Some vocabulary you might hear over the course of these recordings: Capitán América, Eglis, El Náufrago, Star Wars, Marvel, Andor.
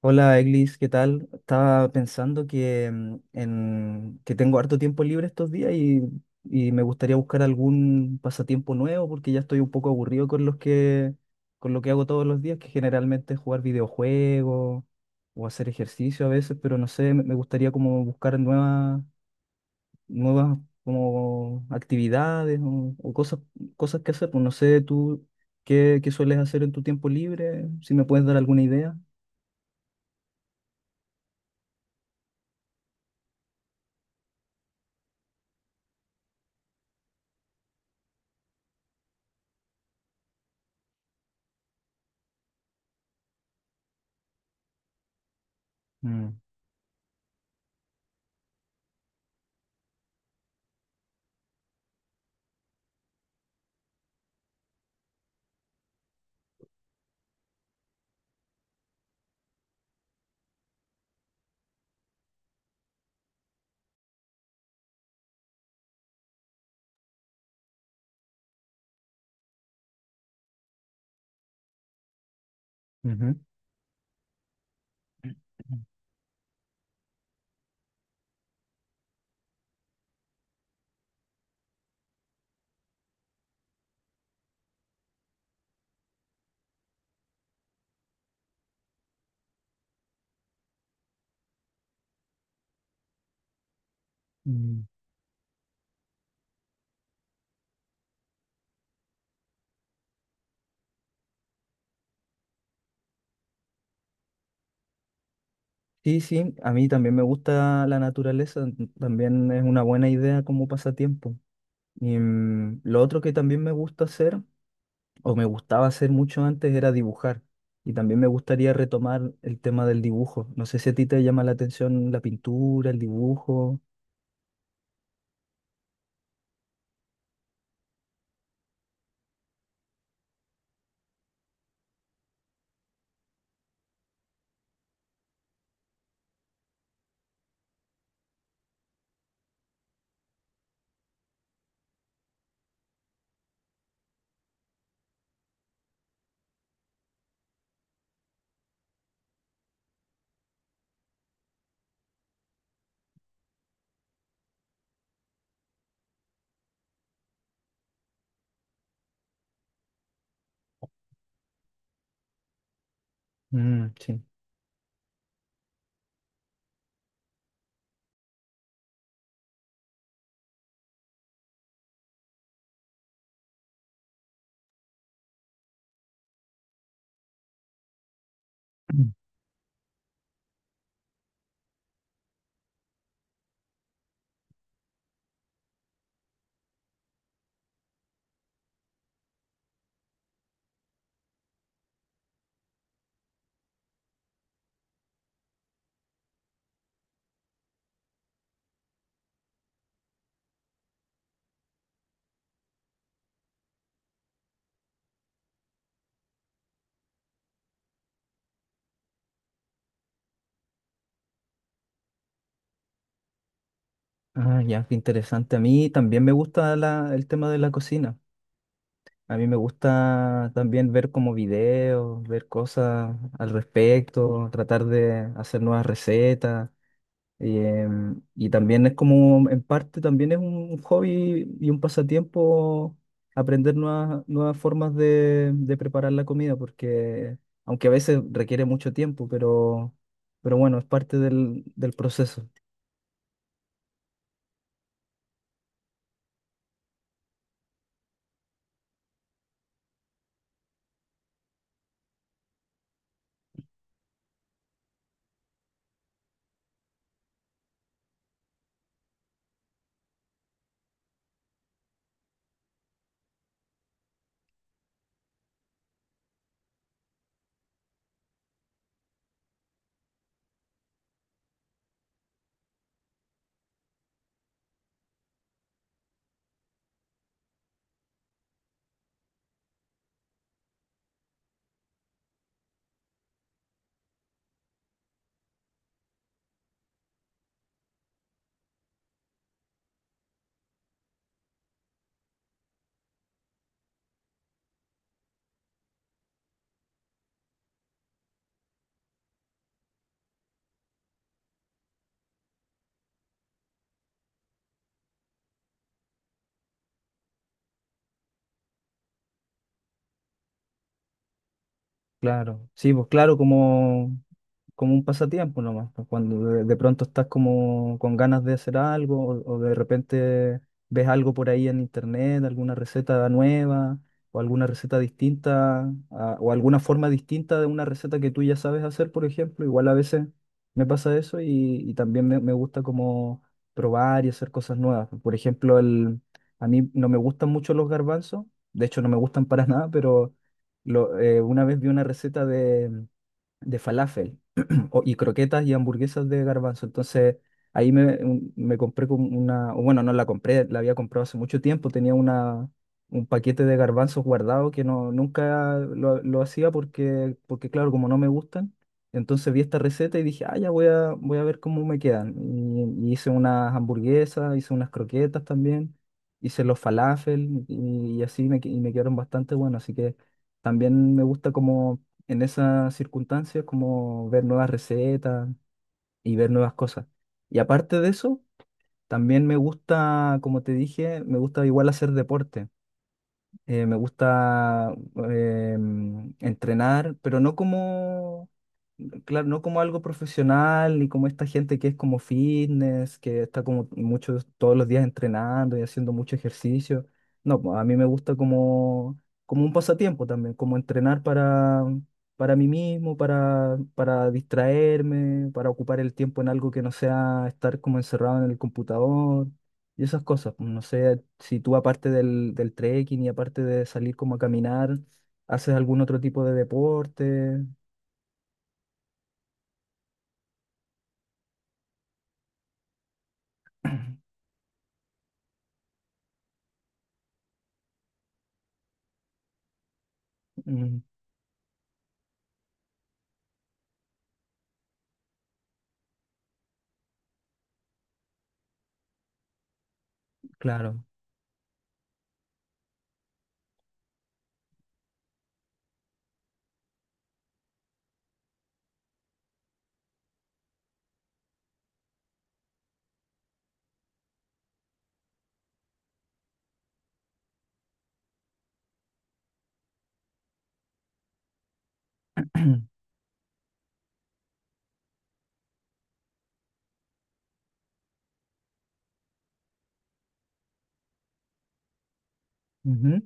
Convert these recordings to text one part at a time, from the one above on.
Hola, Eglis, ¿qué tal? Estaba pensando que, que tengo harto tiempo libre estos días y me gustaría buscar algún pasatiempo nuevo porque ya estoy un poco aburrido con con lo que hago todos los días, que generalmente es jugar videojuegos o hacer ejercicio a veces, pero no sé, me gustaría como buscar nuevas como actividades o cosas que hacer. Pues no sé, tú qué sueles hacer en tu tiempo libre, si me puedes dar alguna idea. Mm. Ujú. Mm. Sí, sí, a mí también me gusta la naturaleza, también es una buena idea como pasatiempo. Y lo otro que también me gusta hacer, o me gustaba hacer mucho antes, era dibujar. Y también me gustaría retomar el tema del dibujo. No sé si a ti te llama la atención la pintura, el dibujo. Mm, sí. Mm. Ah, ya, qué interesante. A mí también me gusta el tema de la cocina. A mí me gusta también ver como videos, ver cosas al respecto, tratar de hacer nuevas recetas. Y también es como, en parte, también es un hobby y un pasatiempo aprender nuevas formas de preparar la comida, porque aunque a veces requiere mucho tiempo, pero bueno, es parte del proceso. Claro, sí, pues claro, como... Como un pasatiempo nomás, pues, cuando de pronto estás como con ganas de hacer algo o de repente ves algo por ahí en internet, alguna receta nueva o alguna receta o alguna forma distinta de una receta que tú ya sabes hacer. Por ejemplo, igual a veces me pasa eso. Y también me gusta como probar y hacer cosas nuevas. Por ejemplo, a mí no me gustan mucho los garbanzos, de hecho no me gustan para nada, pero una vez vi una receta de falafel y croquetas y hamburguesas de garbanzo. Entonces me compré como una, o bueno, no la compré, la había comprado hace mucho tiempo, tenía un paquete de garbanzos guardado que nunca lo hacía porque, claro, como no me gustan, entonces vi esta receta y dije, ah, ya voy voy a ver cómo me quedan. Y hice unas hamburguesas, hice unas croquetas también. Hice los falafel y y me quedaron bastante buenos, así que también me gusta como en esas circunstancias, como ver nuevas recetas y ver nuevas cosas. Y aparte de eso, también me gusta, como te dije, me gusta igual hacer deporte. Me gusta entrenar, pero claro, no como algo profesional, ni como esta gente que es como fitness, que está como muchos, todos los días entrenando y haciendo mucho ejercicio. No, pues, a mí me gusta como un pasatiempo también, como entrenar para mí mismo, para distraerme, para ocupar el tiempo en algo que no sea estar como encerrado en el computador y esas cosas. Pues, no sé si tú aparte del trekking y aparte de salir como a caminar, haces algún otro tipo de deporte. Mm. Claro. Ujú,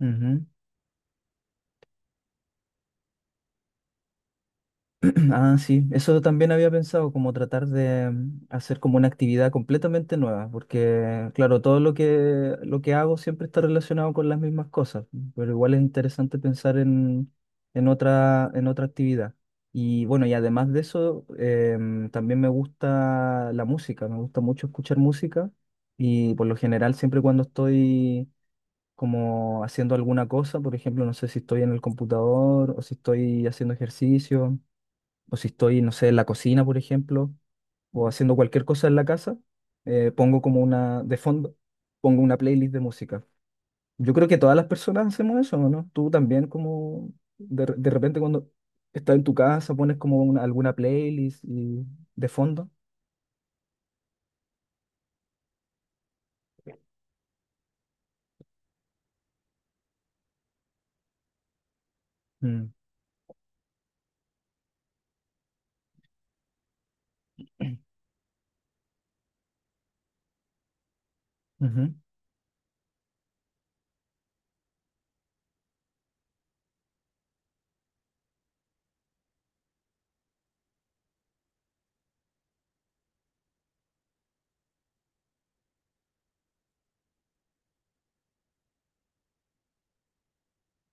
ujú. Ah, sí, eso también había pensado, como tratar de hacer como una actividad completamente nueva, porque claro, todo lo lo que hago siempre está relacionado con las mismas cosas, pero igual es interesante pensar en en otra actividad. Y bueno, y además de eso, también me gusta la música, me gusta mucho escuchar música y por lo general siempre cuando estoy como haciendo alguna cosa. Por ejemplo, no sé si estoy en el computador o si estoy haciendo ejercicio o si estoy, no sé, en la cocina, por ejemplo, o haciendo cualquier cosa en la casa. Pongo como de fondo, pongo una playlist de música. Yo creo que todas las personas hacemos eso, ¿no? Tú también como, de repente cuando estás en tu casa, pones como alguna playlist de fondo. Mm. Ujú.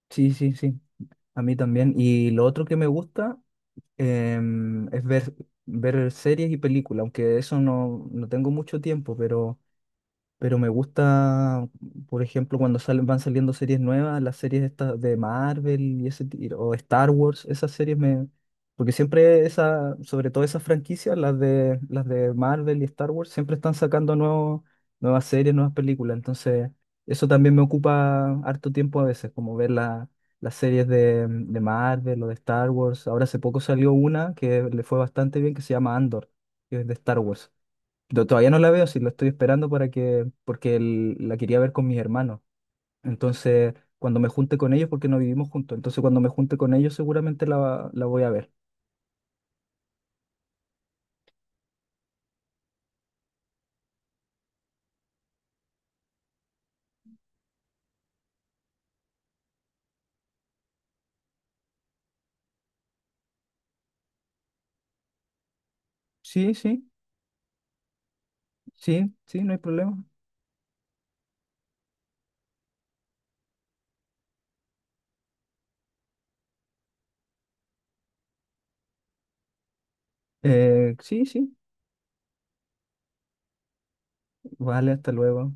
Sí, sí, sí, a mí también. Y lo otro que me gusta es ver series y películas, aunque eso no, no tengo mucho tiempo, pero... Pero me gusta, por ejemplo, cuando van saliendo series nuevas, las series estas de Marvel y o Star Wars, esas series me... Porque siempre esa, sobre todo esas franquicias, las de Marvel y Star Wars, siempre están sacando nuevas series, nuevas películas. Entonces, eso también me ocupa harto tiempo a veces, como ver las series de Marvel o de Star Wars. Ahora hace poco salió una que le fue bastante bien, que se llama Andor, que es de Star Wars. No, todavía no la veo, sí, la estoy esperando para que, porque la quería ver con mis hermanos. Entonces, cuando me junte con ellos, porque no vivimos juntos, entonces cuando me junte con ellos seguramente la voy a ver. Sí, sí, sí, sí, no hay problema. Sí, sí, vale, hasta luego.